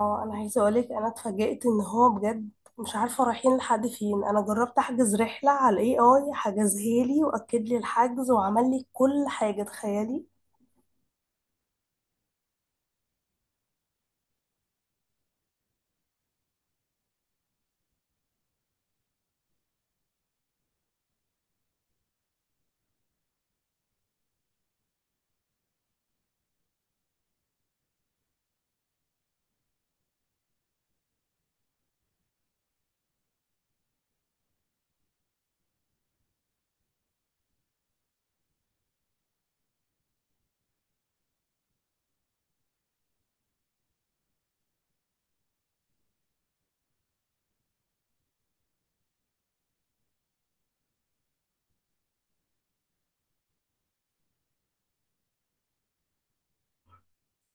اه انا عايزه اقولك انا اتفاجئت ان هو بجد مش عارفه رايحين لحد فين. انا جربت احجز رحله على الاي اي، حجزها لي واكد لي الحجز وعمل لي كل حاجه، تخيلي.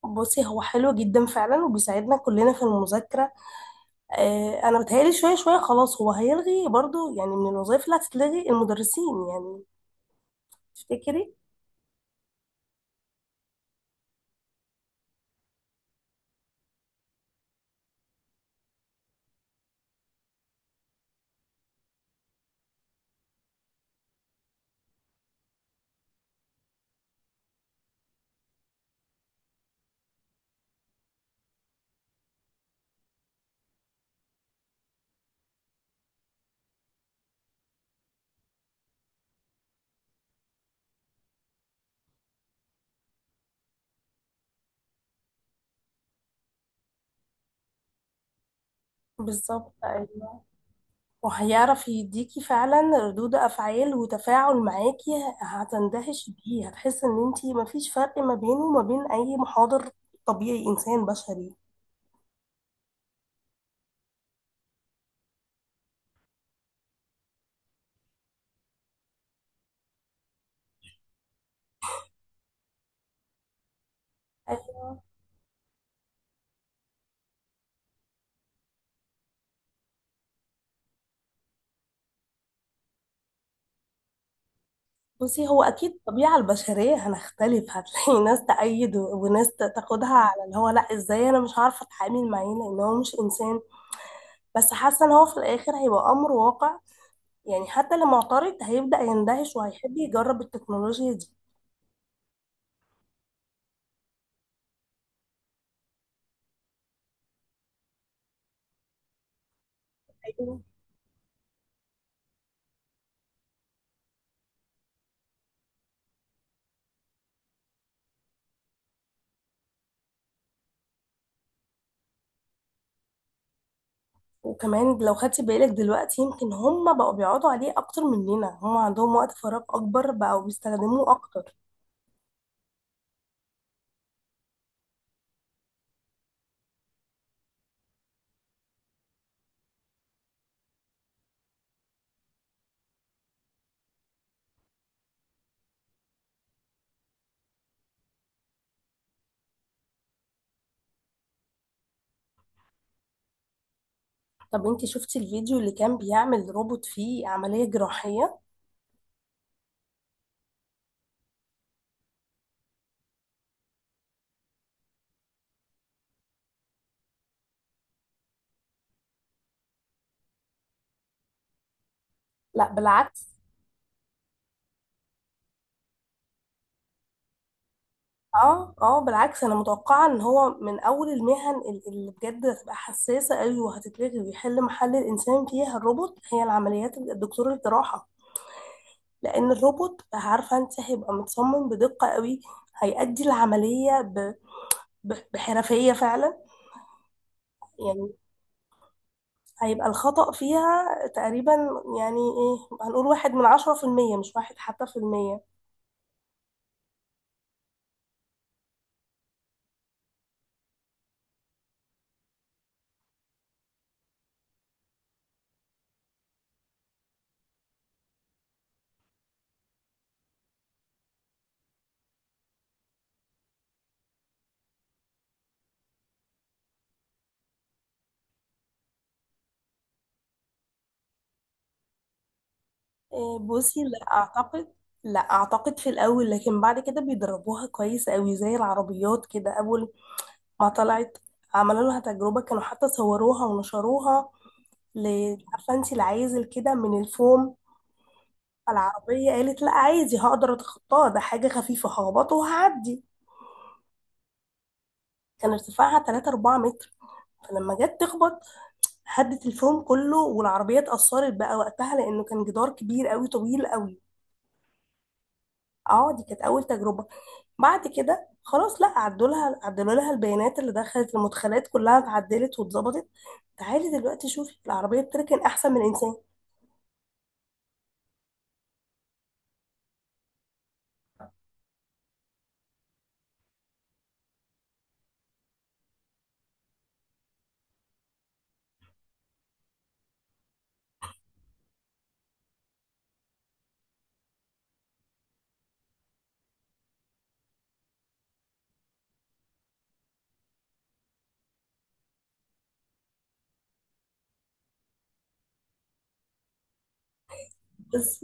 بصي هو حلو جدا فعلا وبيساعدنا كلنا في المذاكره. آه، انا بتهيألي شويه شويه خلاص هو هيلغي برضو، يعني من الوظائف اللي هتتلغي المدرسين، يعني تفتكري؟ بالظبط، وهيعرف يديكي فعلا ردود افعال وتفاعل معاكي. هتندهش بيه، هتحس ان انتي مفيش فرق ما بينه وما بين اي محاضر، طبيعي انسان بشري. بصي هو اكيد الطبيعه البشريه هنختلف، هتلاقي ناس تأيد وناس تاخدها على اللي هو لا ازاي انا مش عارفه اتعامل معاه لان هو مش انسان. بس حاسه ان هو في الاخر هيبقى امر واقع، يعني حتى اللي معترض هيبدأ يندهش وهيحب يجرب التكنولوجيا دي. وكمان لو خدتي بالك دلوقتي يمكن هم بقوا بيقعدوا عليه اكتر مننا، هم عندهم وقت فراغ اكبر بقوا بيستخدموه اكتر. طب انتي شفتي الفيديو اللي كان بيعمل روبوت فيه عملية جراحية؟ لا بالعكس. اه، اه، بالعكس انا متوقعة ان هو من اول المهن اللي بجد هتبقى حساسة قوي وهتتلغي ويحل محل الانسان فيها الروبوت هي العمليات الدكتور الجراحة. لان الروبوت، عارفة انت، هيبقى متصمم بدقة قوي، هيأدي العملية بحرفية فعلا. يعني هيبقى الخطأ فيها تقريبا، يعني ايه، هنقول واحد من عشرة في المية، مش واحد حتى في المية. إيه بصي لا أعتقد. لا أعتقد في الأول، لكن بعد كده بيدربوها كويس أوي. زي العربيات كده، أول ما طلعت عملوا لها تجربة، كانوا حتى صوروها ونشروها. عارفة انتي العازل كده من الفوم؟ على العربية، قالت لا عادي هقدر أتخطاها، ده حاجة خفيفة هخبطه وهعدي. كان ارتفاعها 3 4 متر، فلما جت تخبط هدت الفيلم كله، والعربية اتأثرت بقى وقتها لأنه كان جدار كبير قوي طويل قوي. اه، دي كانت أول تجربة. بعد كده خلاص، لا عدوا لها، عدلوا لها البيانات اللي دخلت، المدخلات كلها اتعدلت واتظبطت. تعالي دلوقتي شوفي العربية بتركن أحسن من الإنسان. بس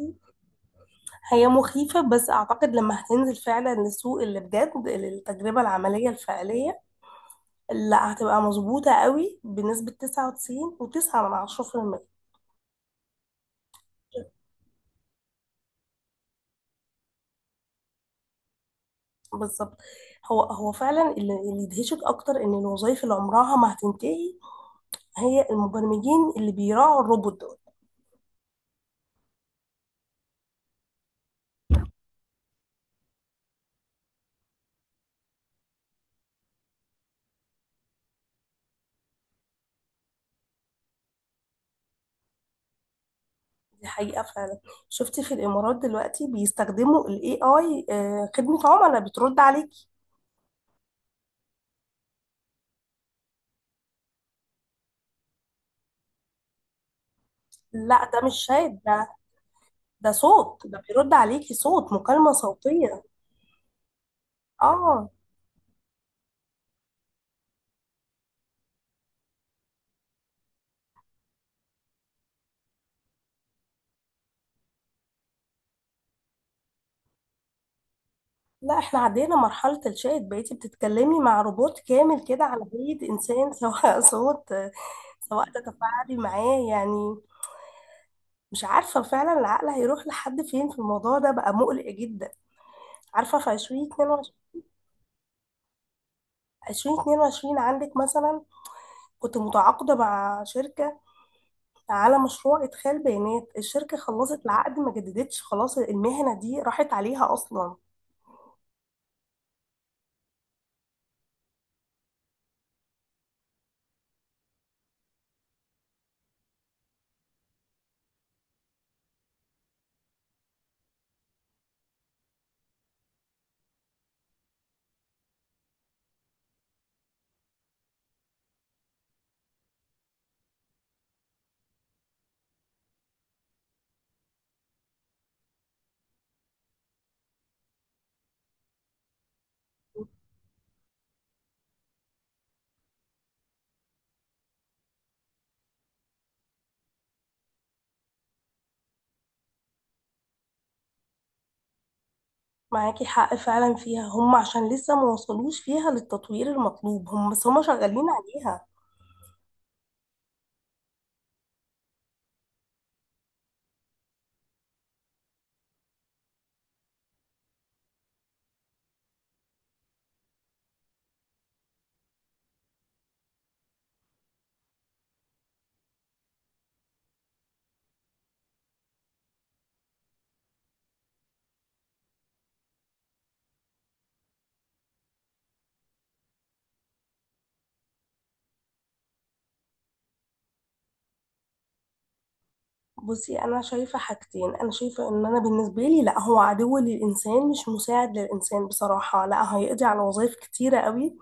هي مخيفة، بس أعتقد لما هتنزل فعلا للسوق اللي بجد، التجربة العملية الفعلية، لا هتبقى مظبوطة قوي بنسبة 99.9 من 10%. بالظبط. هو فعلا، اللي يدهشك اكتر ان الوظائف اللي عمرها ما هتنتهي هي المبرمجين اللي بيراعوا الروبوت دول. دي حقيقة فعلا. شفت في الامارات دلوقتي بيستخدموا الاي اي، خدمة عملاء بترد عليك. لا ده مش شات، ده ده صوت، ده بيرد عليكي صوت مكالمة صوتية. اه لا، احنا عدينا مرحلة الشات، بقيتي بتتكلمي مع روبوت كامل كده على هيئة انسان، سواء صوت، سواء تتفاعلي معاه، يعني مش عارفة فعلا العقل هيروح لحد فين في الموضوع ده، بقى مقلق جدا. عارفة في عشرين اتنين وعشرين، عشرين اتنين وعشرين عندك مثلا، كنت متعاقدة مع شركة على مشروع إدخال بيانات الشركة، خلصت العقد ما جددتش، خلاص المهنة دي راحت عليها أصلا. معاكي حق فعلا فيها، هم عشان لسه ما وصلوش فيها للتطوير المطلوب، هم بس هم شغالين عليها. بصي انا شايفه حاجتين، انا شايفه ان انا بالنسبه لي لا، هو عدو للانسان مش مساعد للانسان بصراحه، لا هيقضي على وظائف كتيره قوي،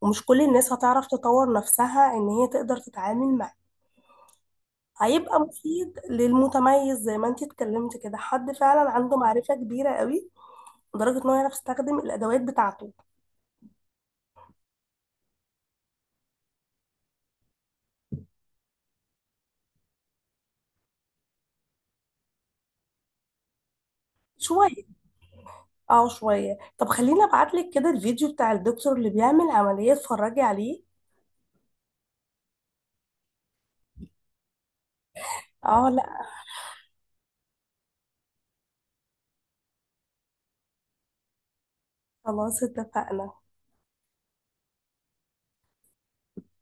ومش كل الناس هتعرف تطور نفسها ان هي تقدر تتعامل معاه. هيبقى مفيد للمتميز، زي ما انتي اتكلمت كده، حد فعلا عنده معرفة كبيرة قوي لدرجة انه يعرف يستخدم الادوات بتاعته. شوية، اه شوية. طب خليني ابعتلك كده الفيديو بتاع الدكتور اللي بيعمل عملية، اتفرجي عليه. اه لا، خلاص اتفقنا.